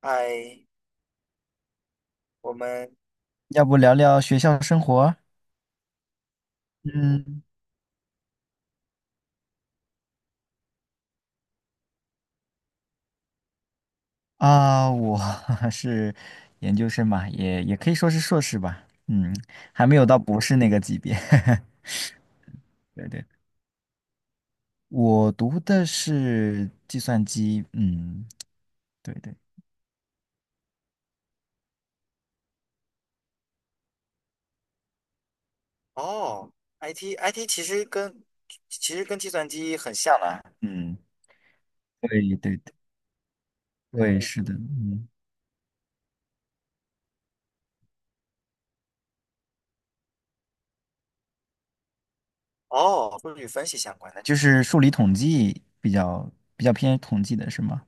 嗨，我们要不聊聊学校生活？嗯，啊，我 是研究生嘛，也可以说是硕士吧，嗯，还没有到博士那个级别。对对，我读的是计算机，嗯，对对，哦，IT 其实跟计算机很像的，嗯，对对对，对，嗯是的，嗯，哦，数据分析相关的。就是数理统计比较偏统计的是吗？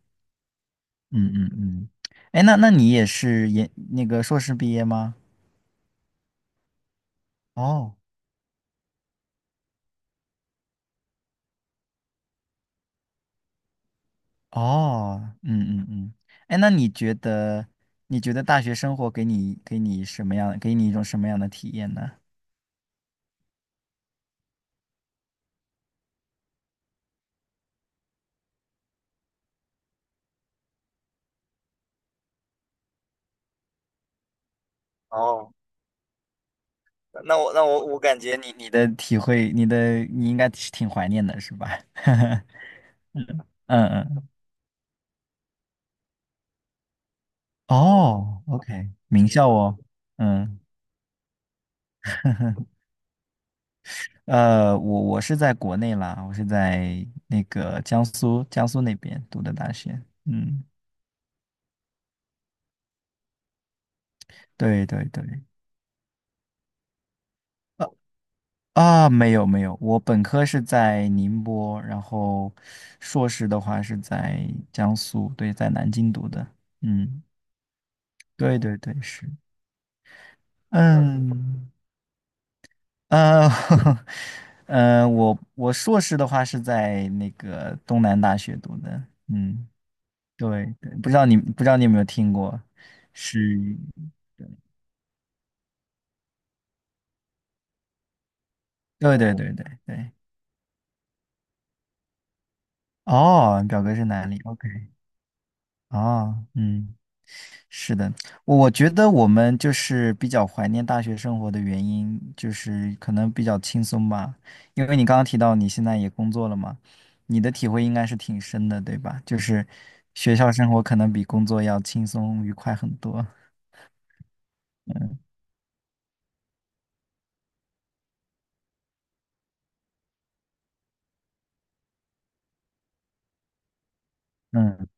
嗯嗯嗯，哎，那你也是那个硕士毕业吗？哦哦，嗯嗯嗯，哎，那你觉得大学生活给你什么样，给你一种什么样的体验呢？哦，那我感觉你的体会，你应该是挺怀念的，是吧？嗯嗯，哦，OK,名校哦，嗯，我是在国内啦，我是在那个江苏那边读的大学，嗯。对对对，啊啊，没有没有，我本科是在宁波，然后硕士的话是在江苏，对，在南京读的。嗯，对对对，是，嗯，呃，我硕士的话是在那个东南大学读的。嗯，对对，不知道你有没有听过？是，对对对对对。哦，表哥是南理？OK,哦，嗯。是的，我觉得我们就是比较怀念大学生活的原因，就是可能比较轻松吧。因为你刚刚提到你现在也工作了嘛，你的体会应该是挺深的，对吧？就是学校生活可能比工作要轻松愉快很多。嗯，嗯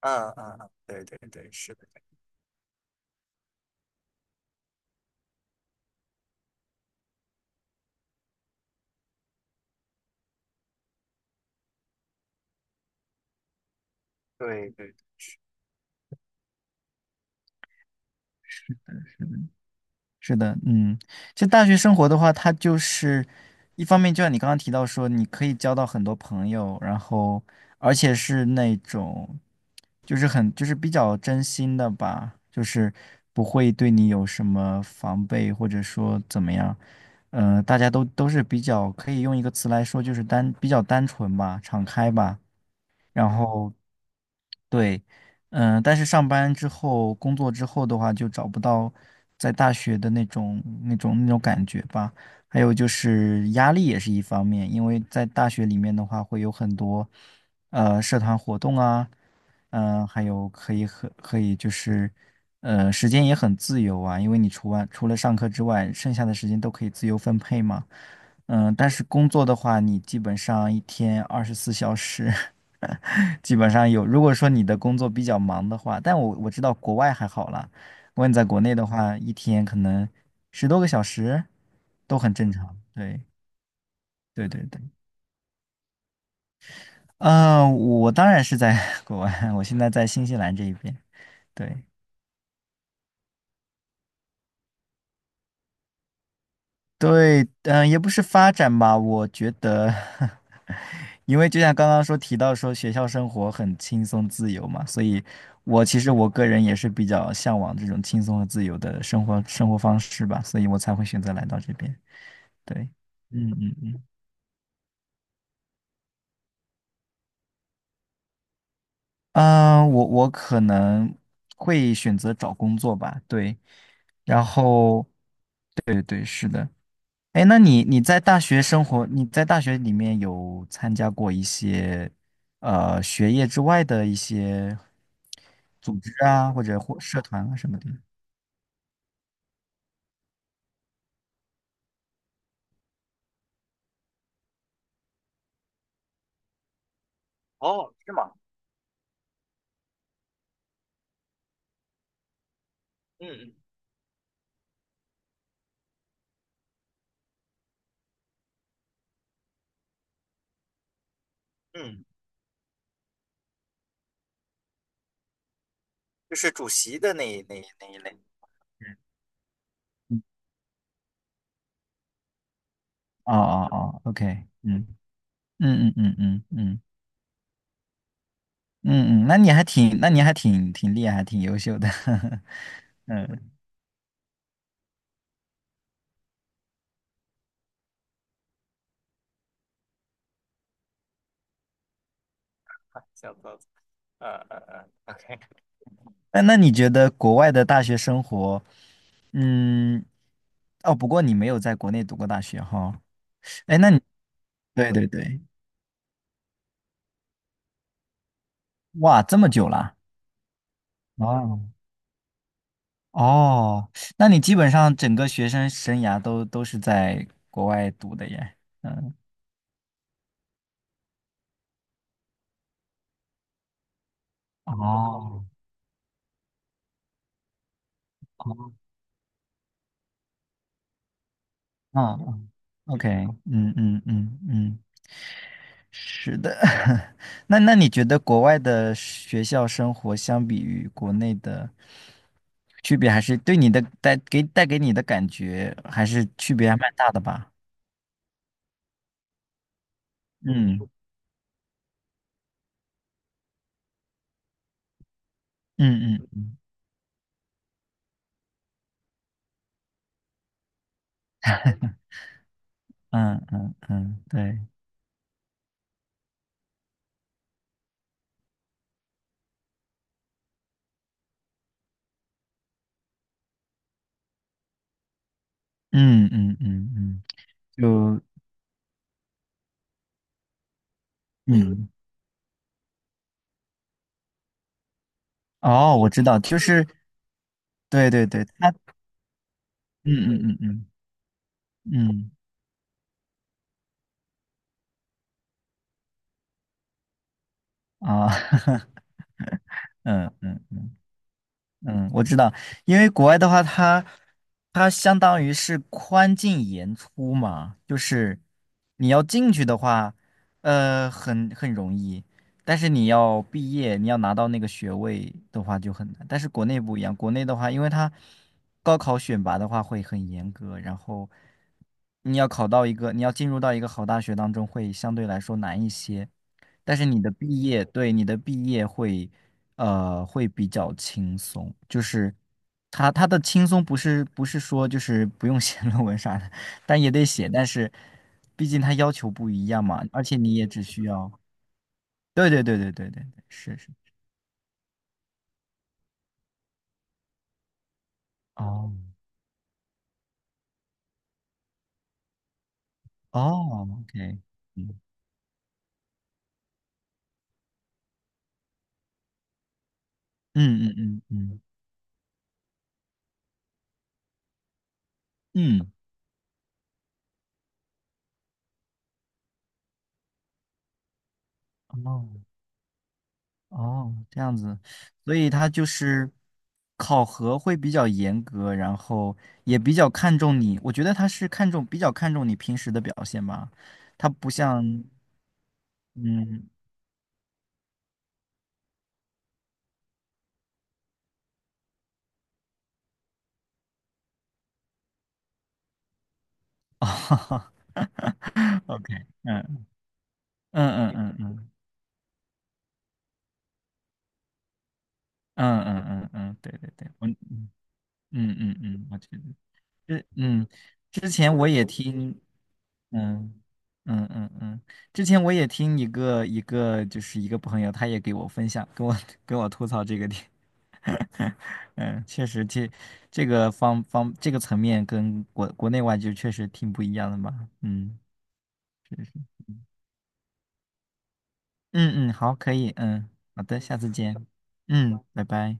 嗯嗯，嗯，对对对，是的，对对。是的，嗯，其实大学生活的话，它就是一方面，就像你刚刚提到说，你可以交到很多朋友，然后而且是那种就是很就是比较真心的吧，就是不会对你有什么防备或者说怎么样，嗯，大家都是比较可以用一个词来说，就是比较单纯吧，敞开吧，然后对，嗯、但是上班之后，工作之后的话，就找不到在大学的那种感觉吧。还有就是压力也是一方面，因为在大学里面的话，会有很多社团活动啊，嗯、还有可以就是时间也很自由啊，因为你除了上课之外，剩下的时间都可以自由分配嘛。嗯，但是工作的话，你基本上一天24小时，基本上有。如果说你的工作比较忙的话，但我知道国外还好啦。如果你在国内的话，一天可能10多个小时都很正常。对，对对对。嗯、我当然是在 国外，我现在在新西兰这一边。对，对，嗯、也不是发展吧，我觉得，因为就像刚刚提到说学校生活很轻松自由嘛，所以其实我个人也是比较向往这种轻松和自由的生活方式吧，所以我才会选择来到这边。对，嗯嗯嗯，啊、我可能会选择找工作吧，对，然后对对是的。哎，那你在大学里面有参加过一些学业之外的一些组织啊，或者或社团啊什么的？哦，是吗？嗯嗯嗯，就是主席的那一类。哦哦哦，OK,嗯嗯嗯嗯嗯嗯嗯嗯，那你还挺厉害，挺优秀的，嗯OK。那你觉得国外的大学生活，嗯，哦，不过你没有在国内读过大学哈。哎，那你对对对，哇，这么久啦？哦哦，那你基本上整个学生生涯都是在国外读的耶。嗯，哦，嗯嗯，OK,嗯嗯嗯嗯。是的，那你觉得国外的学校生活相比于国内的区别，还是对你的带给带给你的感觉，还是区别还蛮大的吧？嗯嗯嗯嗯嗯嗯，对，嗯嗯嗯嗯，就嗯，哦，我知道，就是对对对，他，嗯嗯嗯嗯嗯啊，嗯嗯嗯，我知道，因为国外的话，它相当于是宽进严出嘛，就是你要进去的话，很容易，但是你要毕业，你要拿到那个学位的话就很难。但是国内不一样，国内的话，因为它高考选拔的话会很严格，然后你要进入到一个好大学当中会相对来说难一些。但是你的毕业，对，你的毕业会，会比较轻松，就是他的轻松不是说就是不用写 论文啥的，但也得写，但是毕竟他要求不一样嘛，而且你也只需要，对对对对对对对，是是，哦哦，OK,嗯嗯嗯嗯嗯，哦。哦，这样子，所以他就是考核会比较严格，然后也比较看重你。我觉得他是看重，比较看重你平时的表现吧。他不像，嗯，哦，OK,嗯嗯嗯嗯嗯嗯嗯嗯嗯，对对对，我觉得，这嗯，之前我也听。嗯嗯嗯嗯，之前我也听一个朋友，他也给我分享，跟我 跟我吐槽这个点。嗯，确实这这个方方这个层面跟国内外就确实挺不一样的嘛。嗯，是是。嗯嗯，好，可以。嗯，好的，下次见。嗯，拜拜。